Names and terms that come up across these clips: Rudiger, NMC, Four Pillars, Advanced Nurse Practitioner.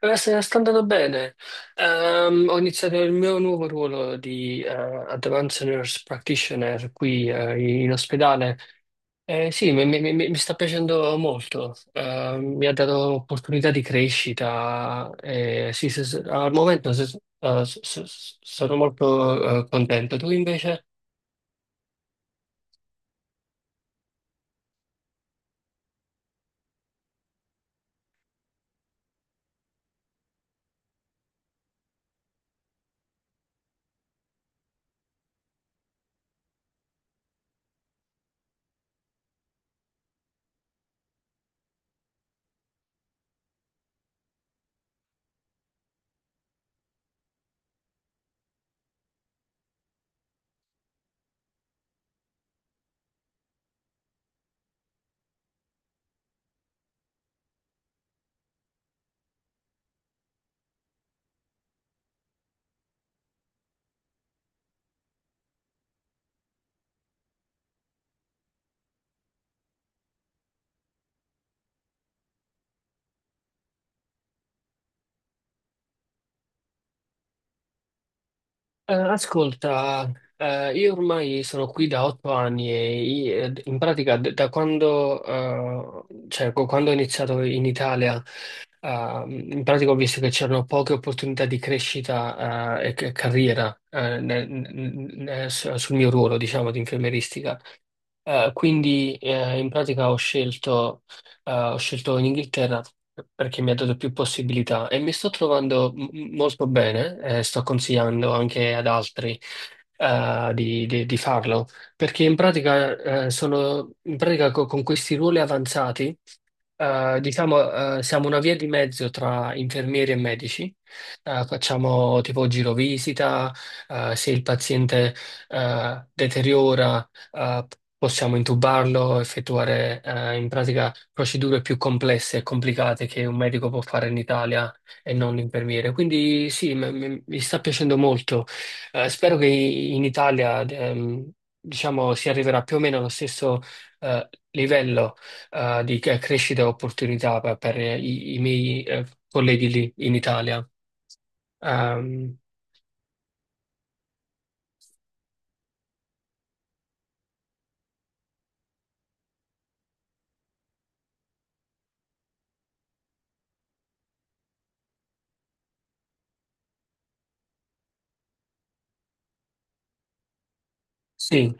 Sta andando bene. Ho iniziato il mio nuovo ruolo di Advanced Nurse Practitioner qui, in ospedale. Sì, mi sta piacendo molto. Mi ha dato opportunità di crescita. Sì, al momento sono molto contento. Tu invece? Ascolta, io ormai sono qui da 8 anni e in pratica da quando, quando ho iniziato in Italia, in pratica ho visto che c'erano poche opportunità di crescita, e carriera, sul mio ruolo, diciamo, di infermieristica. Quindi in pratica ho scelto in Inghilterra perché mi ha dato più possibilità e mi sto trovando molto bene e sto consigliando anche ad altri di farlo perché in pratica, sono, in pratica con questi ruoli avanzati diciamo, siamo una via di mezzo tra infermieri e medici. Facciamo tipo girovisita, se il paziente deteriora, eh, possiamo intubarlo, effettuare in pratica procedure più complesse e complicate che un medico può fare in Italia e non l'infermiere. Quindi sì, mi sta piacendo molto. Spero che in Italia, diciamo, si arriverà più o meno allo stesso livello di crescita e opportunità per i miei colleghi lì in Italia. Ehm, sì.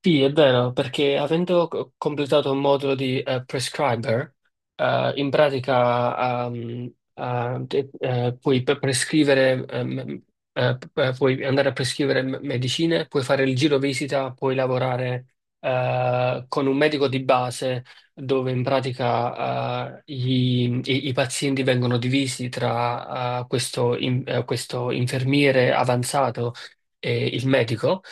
Sì, è vero, perché avendo completato un modulo di prescriber, in pratica puoi prescrivere, puoi andare a prescrivere medicine, puoi fare il giro visita, puoi lavorare con un medico di base dove in pratica i pazienti vengono divisi tra questo questo infermiere avanzato e il medico.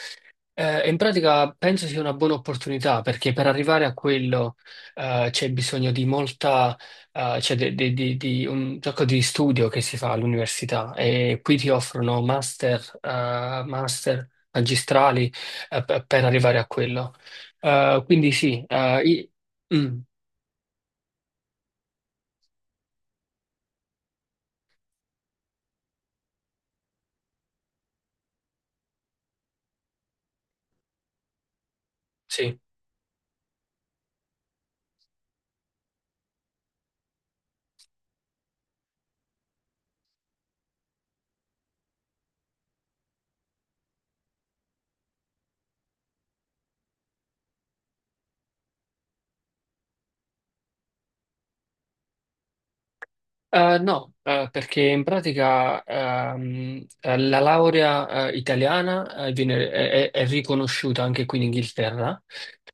In pratica penso sia una buona opportunità perché per arrivare a quello c'è bisogno di molta, di un sacco di studio che si fa all'università e qui ti offrono master, master magistrali per arrivare a quello. Eh, quindi sì, eh, i- mm, sì. No, perché in pratica la laurea italiana è riconosciuta anche qui in Inghilterra.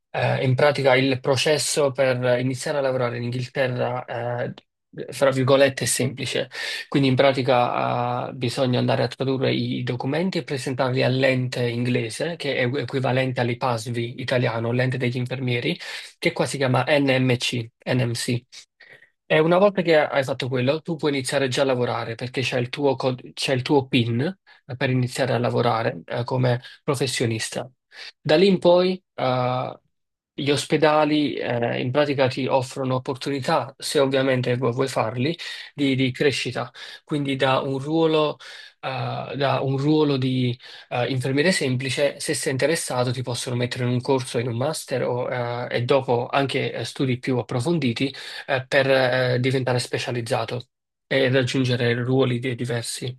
In pratica il processo per iniziare a lavorare in Inghilterra, fra virgolette, è semplice. Quindi in pratica, bisogna andare a tradurre i documenti e presentarli all'ente inglese, che è equivalente all'IPASVI italiano, l'ente degli infermieri, che qua si chiama NMC, NMC. E una volta che hai fatto quello, tu puoi iniziare già a lavorare perché c'è il tuo, c'è il tuo PIN per iniziare a lavorare come professionista. Da lì in poi, gli ospedali, in pratica ti offrono opportunità, se ovviamente vuoi farli, di crescita. Quindi da un ruolo di, infermiere semplice, se sei interessato, ti possono mettere in un corso, in un master o, e dopo anche studi più approfonditi per diventare specializzato e raggiungere diversi.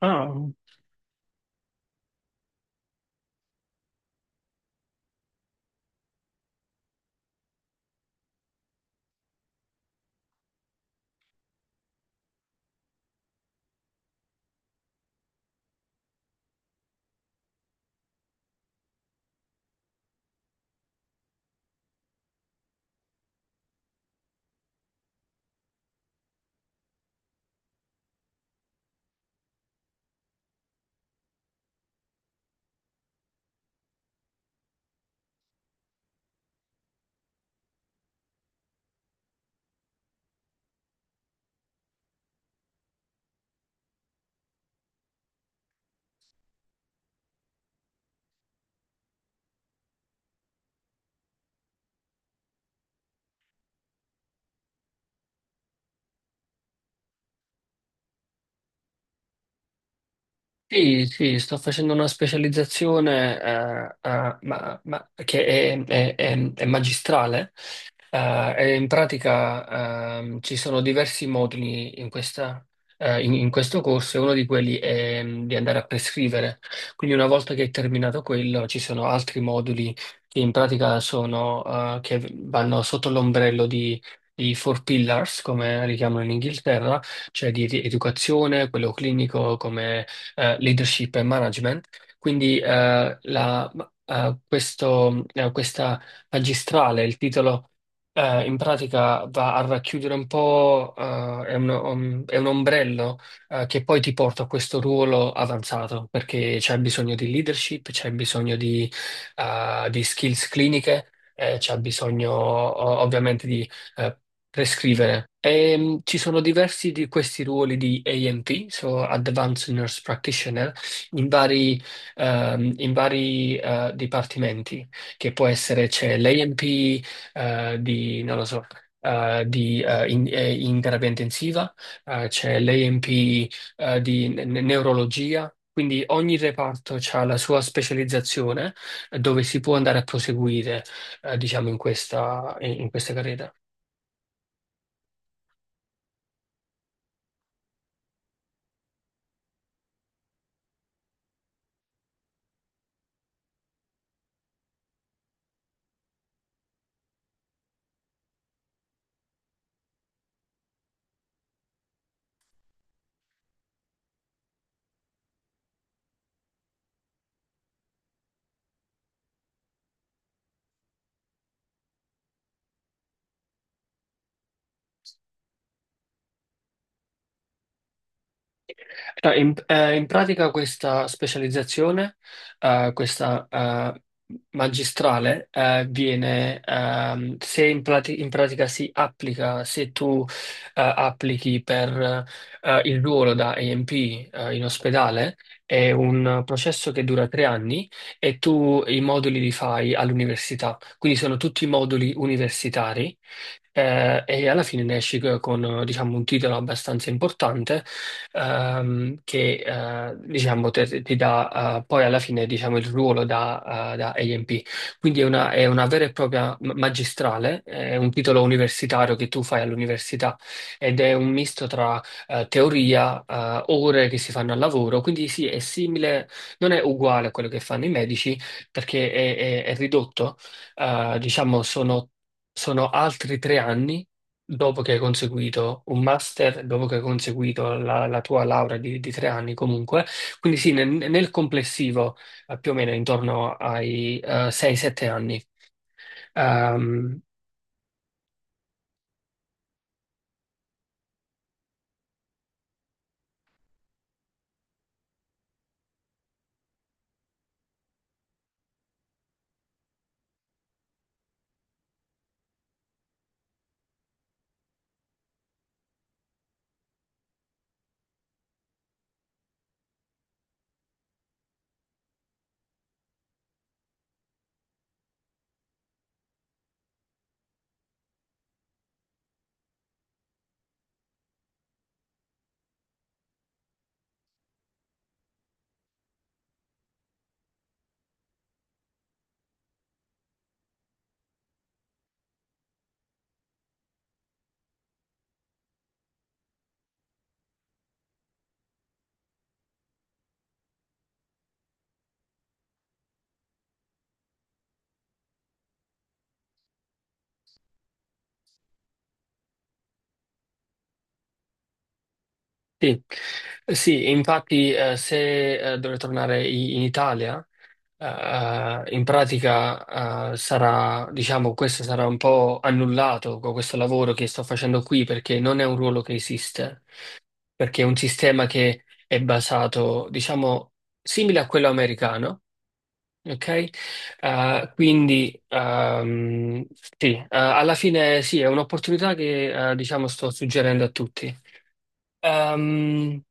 Ah. Sì, sì, sto facendo una specializzazione che è magistrale. E in pratica ci sono diversi moduli in in questo corso e uno di quelli è di andare a prescrivere. Quindi una volta che è terminato quello, ci sono altri moduli che in pratica sono, che vanno sotto l'ombrello di Four Pillars, come li chiamano in Inghilterra, cioè di educazione, quello clinico come leadership e management. Quindi questa magistrale, il titolo in pratica va a racchiudere un po', è un, è un ombrello che poi ti porta a questo ruolo avanzato, perché c'è bisogno di leadership, c'è bisogno di skills cliniche, c'è bisogno ovviamente di eh, prescrivere. E, ci sono diversi di questi ruoli di ANP, so Advanced Nurse Practitioner, in vari, in vari, dipartimenti, che può essere c'è l'ANP di, non lo so, in terapia intensiva, c'è l'ANP di neurologia. Quindi ogni reparto ha la sua specializzazione dove si può andare a proseguire, diciamo, in questa, in questa carriera. No, in pratica questa specializzazione, questa magistrale, viene, se in, prati- in pratica si applica, se tu applichi per il ruolo da AMP in ospedale, è un processo che dura 3 anni e tu i moduli li fai all'università, quindi sono tutti moduli universitari. E alla fine ne esci con, diciamo, un titolo abbastanza importante che diciamo, ti dà poi alla fine diciamo, il ruolo da, da AMP. Quindi è una vera e propria magistrale, è un titolo universitario che tu fai all'università ed è un misto tra teoria, ore che si fanno al lavoro, quindi sì, è simile, non è uguale a quello che fanno i medici perché è ridotto, diciamo sono... Sono altri 3 anni dopo che hai conseguito un master, dopo che hai conseguito la tua laurea di 3 anni comunque, quindi sì, nel complessivo più o meno intorno ai 6-7 anni. Ehm, sì. Sì, infatti se dovrei tornare in Italia, in pratica sarà, diciamo, questo sarà un po' annullato con questo lavoro che sto facendo qui perché non è un ruolo che esiste. Perché è un sistema che è basato, diciamo, simile a quello americano, ok? Quindi, sì, alla fine sì, è un'opportunità che, diciamo, sto suggerendo a tutti. Ehm,